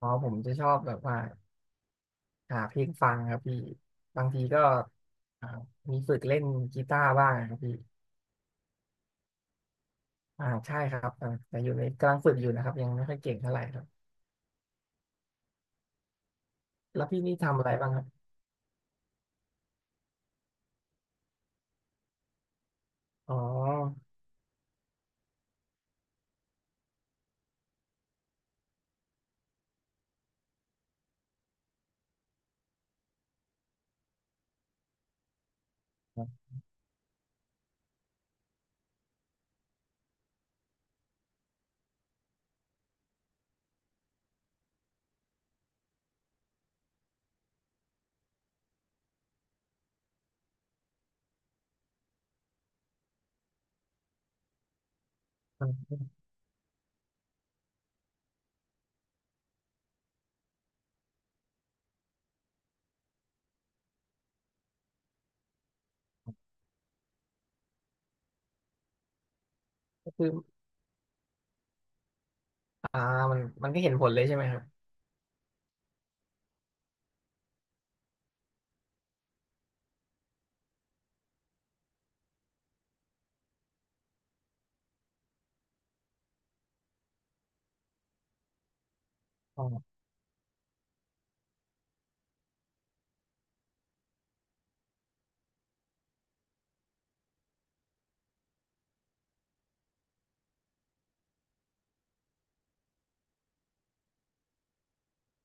อ๋อผมจะชอบแบบว่าหาเพลงฟังครับพี่บางทีก็อ่ามีฝึกเล่นกีตาร์บ้างครับพี่อ่าใช่ครับแต่อยู่ในกำลังฝึกอยู่นะครับยังไม่ค่อยเก่งเท่าไหร่ครับแล้วพี่นี่ทำอะไรบ้างครับอ๋ออ่าก็คืออ่ามันก็เห็นผลเลยใช่ไหมครับอ๋อ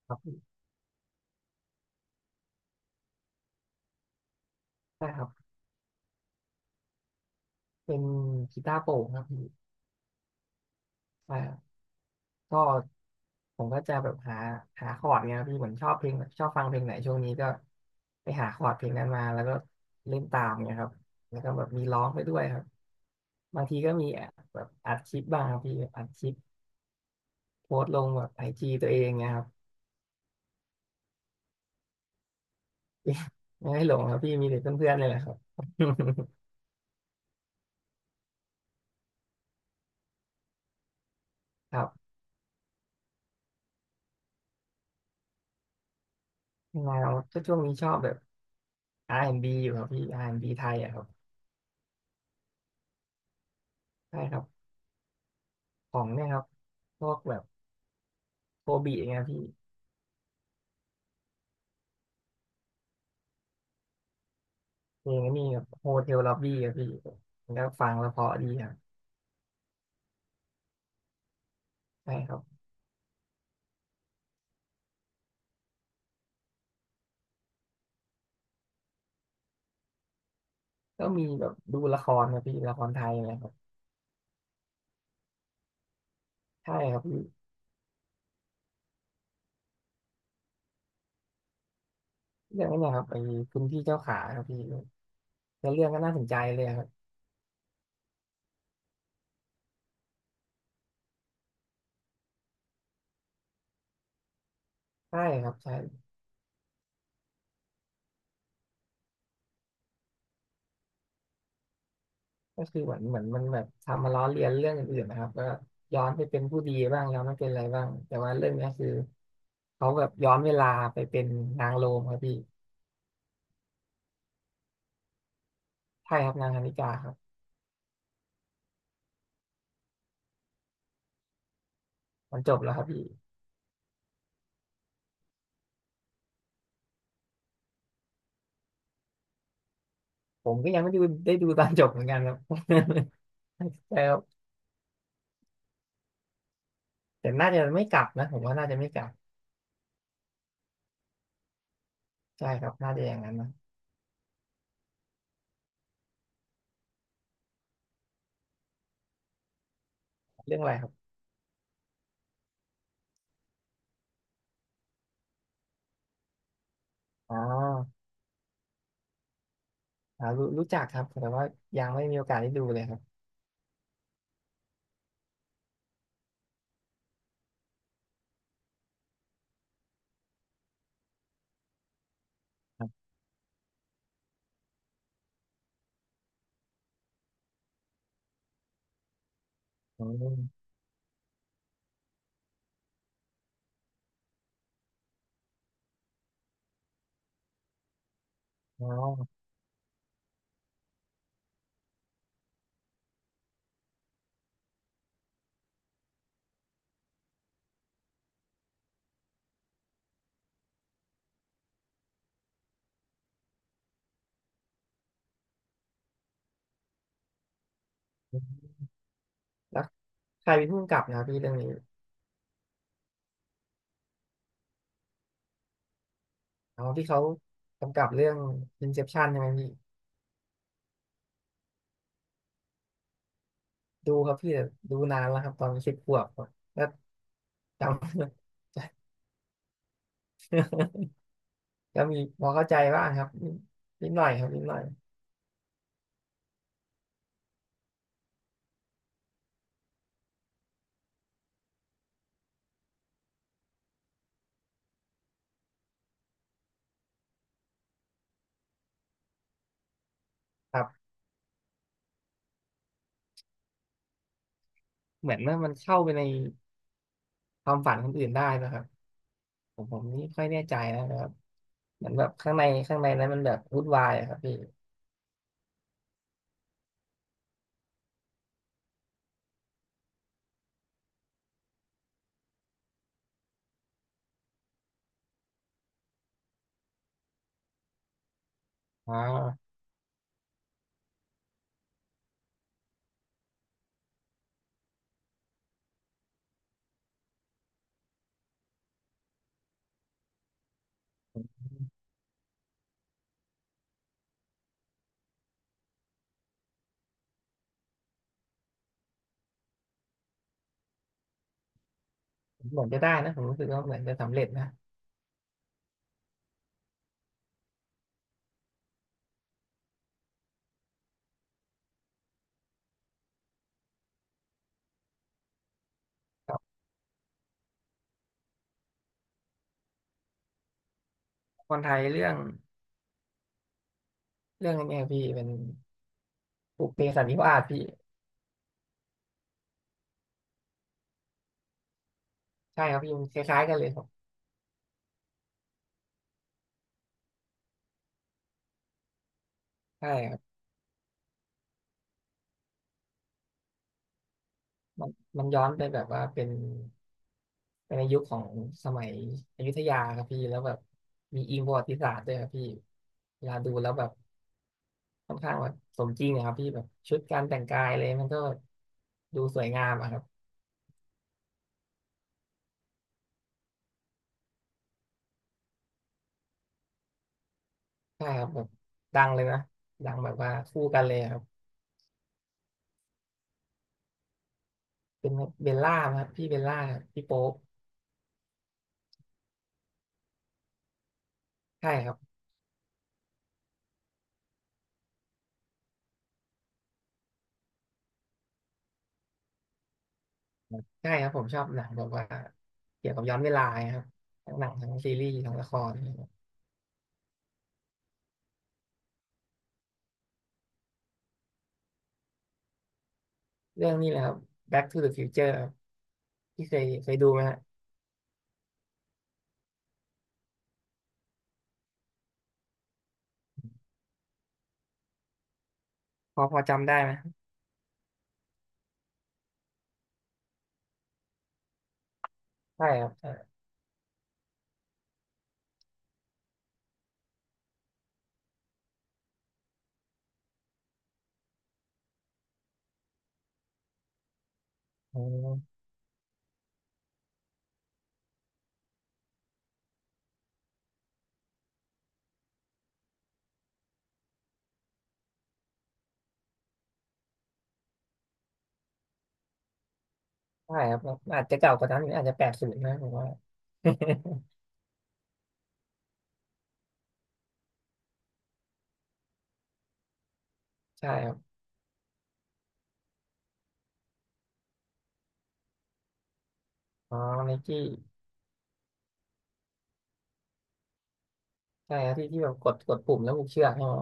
ครับพี่ใช่ครับเป็นกีตาร์โปร่งครับพี่ใช่ ก็ผมก็จะแบบหาคอร์ดเนี่ยครับพี่ผมชอบเพลงชอบฟังเพลงไหนช่วงนี้ก็ไปหาคอร์ดเพลงนั้นมาแล้วก็เล่นตามเนี่ยครับแล้วก็แบบมีร้องไปด้วยครับบางทีก็มีแบบอัดคลิปบ้างครับพี่อัดคลิปโพสต์ลงแบบไอจีตัวเองเนี่ยครับ ไม่ให้หลงครับพี่มีแต่เพื่อนๆเลยแหละครับ ครับยังไงเราก็ช่วงนี้ชอบแบบ R&B อนด์บีอยู่ครับพี่อาร์แอนด์บีไทยอะครับใช่ครับของเนี่ยครับพวกแบบโคบีอย่างเงี้ยพี่ เพลงนี่แบบโฮเทลล็อบบี้ครับพี่มันก็ฟังแล้วเพราะดีครับใช่ครับก็มีแบบดูละครครับพี่ละครไทยอะไรครับใช่ครับพี่เรื่องนี้นนะครับไอ้คุณพี่เจ้าขาครับพี่แล้วเรื่องก็น่าสนใจเลยครับใช่ครับใช่ก็คือเหมือนมันแบบทำมาล้อเลียนเรื่องอื่นๆนะครับก็ย้อนไปเป็นผู้ดีบ้างย้อนไปเป็นอะไรบ้างแต่ว่าเรื่องเนี้ยคือเขาแบบย้อนเวลาไปเป็นนางโรมครับพี่ใช่ครับนางคณิกาครับมันจบแล้วครับพี่ผมก็ยังไม่ได้ดูได้ดูตอนจบเหมือนกันครับ ใช่ครับ แต่น่าจะไม่กลับนะผมว่าน่าจะไม่กลับใช่ครับน่าจะอย่างนั้นนะเรื่องอะไรครับอ๋อรู้จักครับแต่ว่ายังไม่มีโอกาสได้ดูเลยครับครับอ๋อ๋อแล้วใครเป็นผู้กำกับนะครับพี่เรื่องนี้อ๋อพี่เขากำกับเรื่อง Inception ใช่ไหมพี่ดูครับพี่แต่ดูนานแล้วครับตอนสิบขวบครับ แล้วจำ ก็มีพอเข้าใจบ้างครับนิดหน่อยครับนิดหน่อยครับเหมือนว่ามันเข้าไปในความฝันคนอื่นได้นะครับ ผมนี่ไม่ค่อยแน่ใจนะครับเหมือนแบบข้างในนั้นมันแบบวุ่นวายอะครับพี่อ๋อผมเหมือนจะได้นะผมรู้สึกว่าเหมือนจะสำเร็จนะคับคนไทยเรื่องนี้พี่เป็นปลูกเปสันนิวาสพี่ใช่ครับพี่มันคล้ายๆกันเลยครับใช่ครับมันมันย้อนไปแบบว่าเป็นในยุคของสมัยอยุธยาครับพี่แล้วแบบมีอิงประวัติศาสตร์ด้วยครับพี่เวลาดูแล้วแบบค่อนข้างแบบสมจริงอะครับพี่แบบชุดการแต่งกายเลยมันก็ดูสวยงามอะครับ ใช่ครับแบบดังเลยนะดังแบบว่าคู่กันเลยครับเป็นเบลล่าครับพี่เบลล่ากับพี่โป๊ปใช่ครับใช่ครับผมชอบหนังแบบว่าเกี่ยวกับย้อนเวลาครับทั้งหนังทั้งซีรีส์ทั้งละครนะครับเรื่องนี้แหละครับ Back to the Future ครับพี่เคยดูไหมฮะพอจำได้ไหมใช่ครับใช่อืมใช่ครับอาจจะเก่ากว่านั้นอีกอาจจะแปดสิบนะผมว่า ใช่ครับอ๋อไนกี้ใช่ครับที่แบบกดปุ่มแล้วผูกเชือกใช่ไหม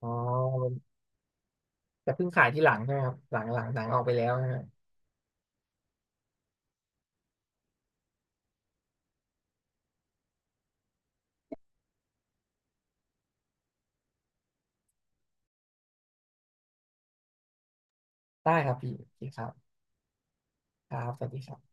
อ๋อ แต่เพิ่งขายที่หลังใช่ไหมครับหลังหนังออกไปแล้วนะฮะได้ครับพี่โอเคครับครับสวัสดีครับ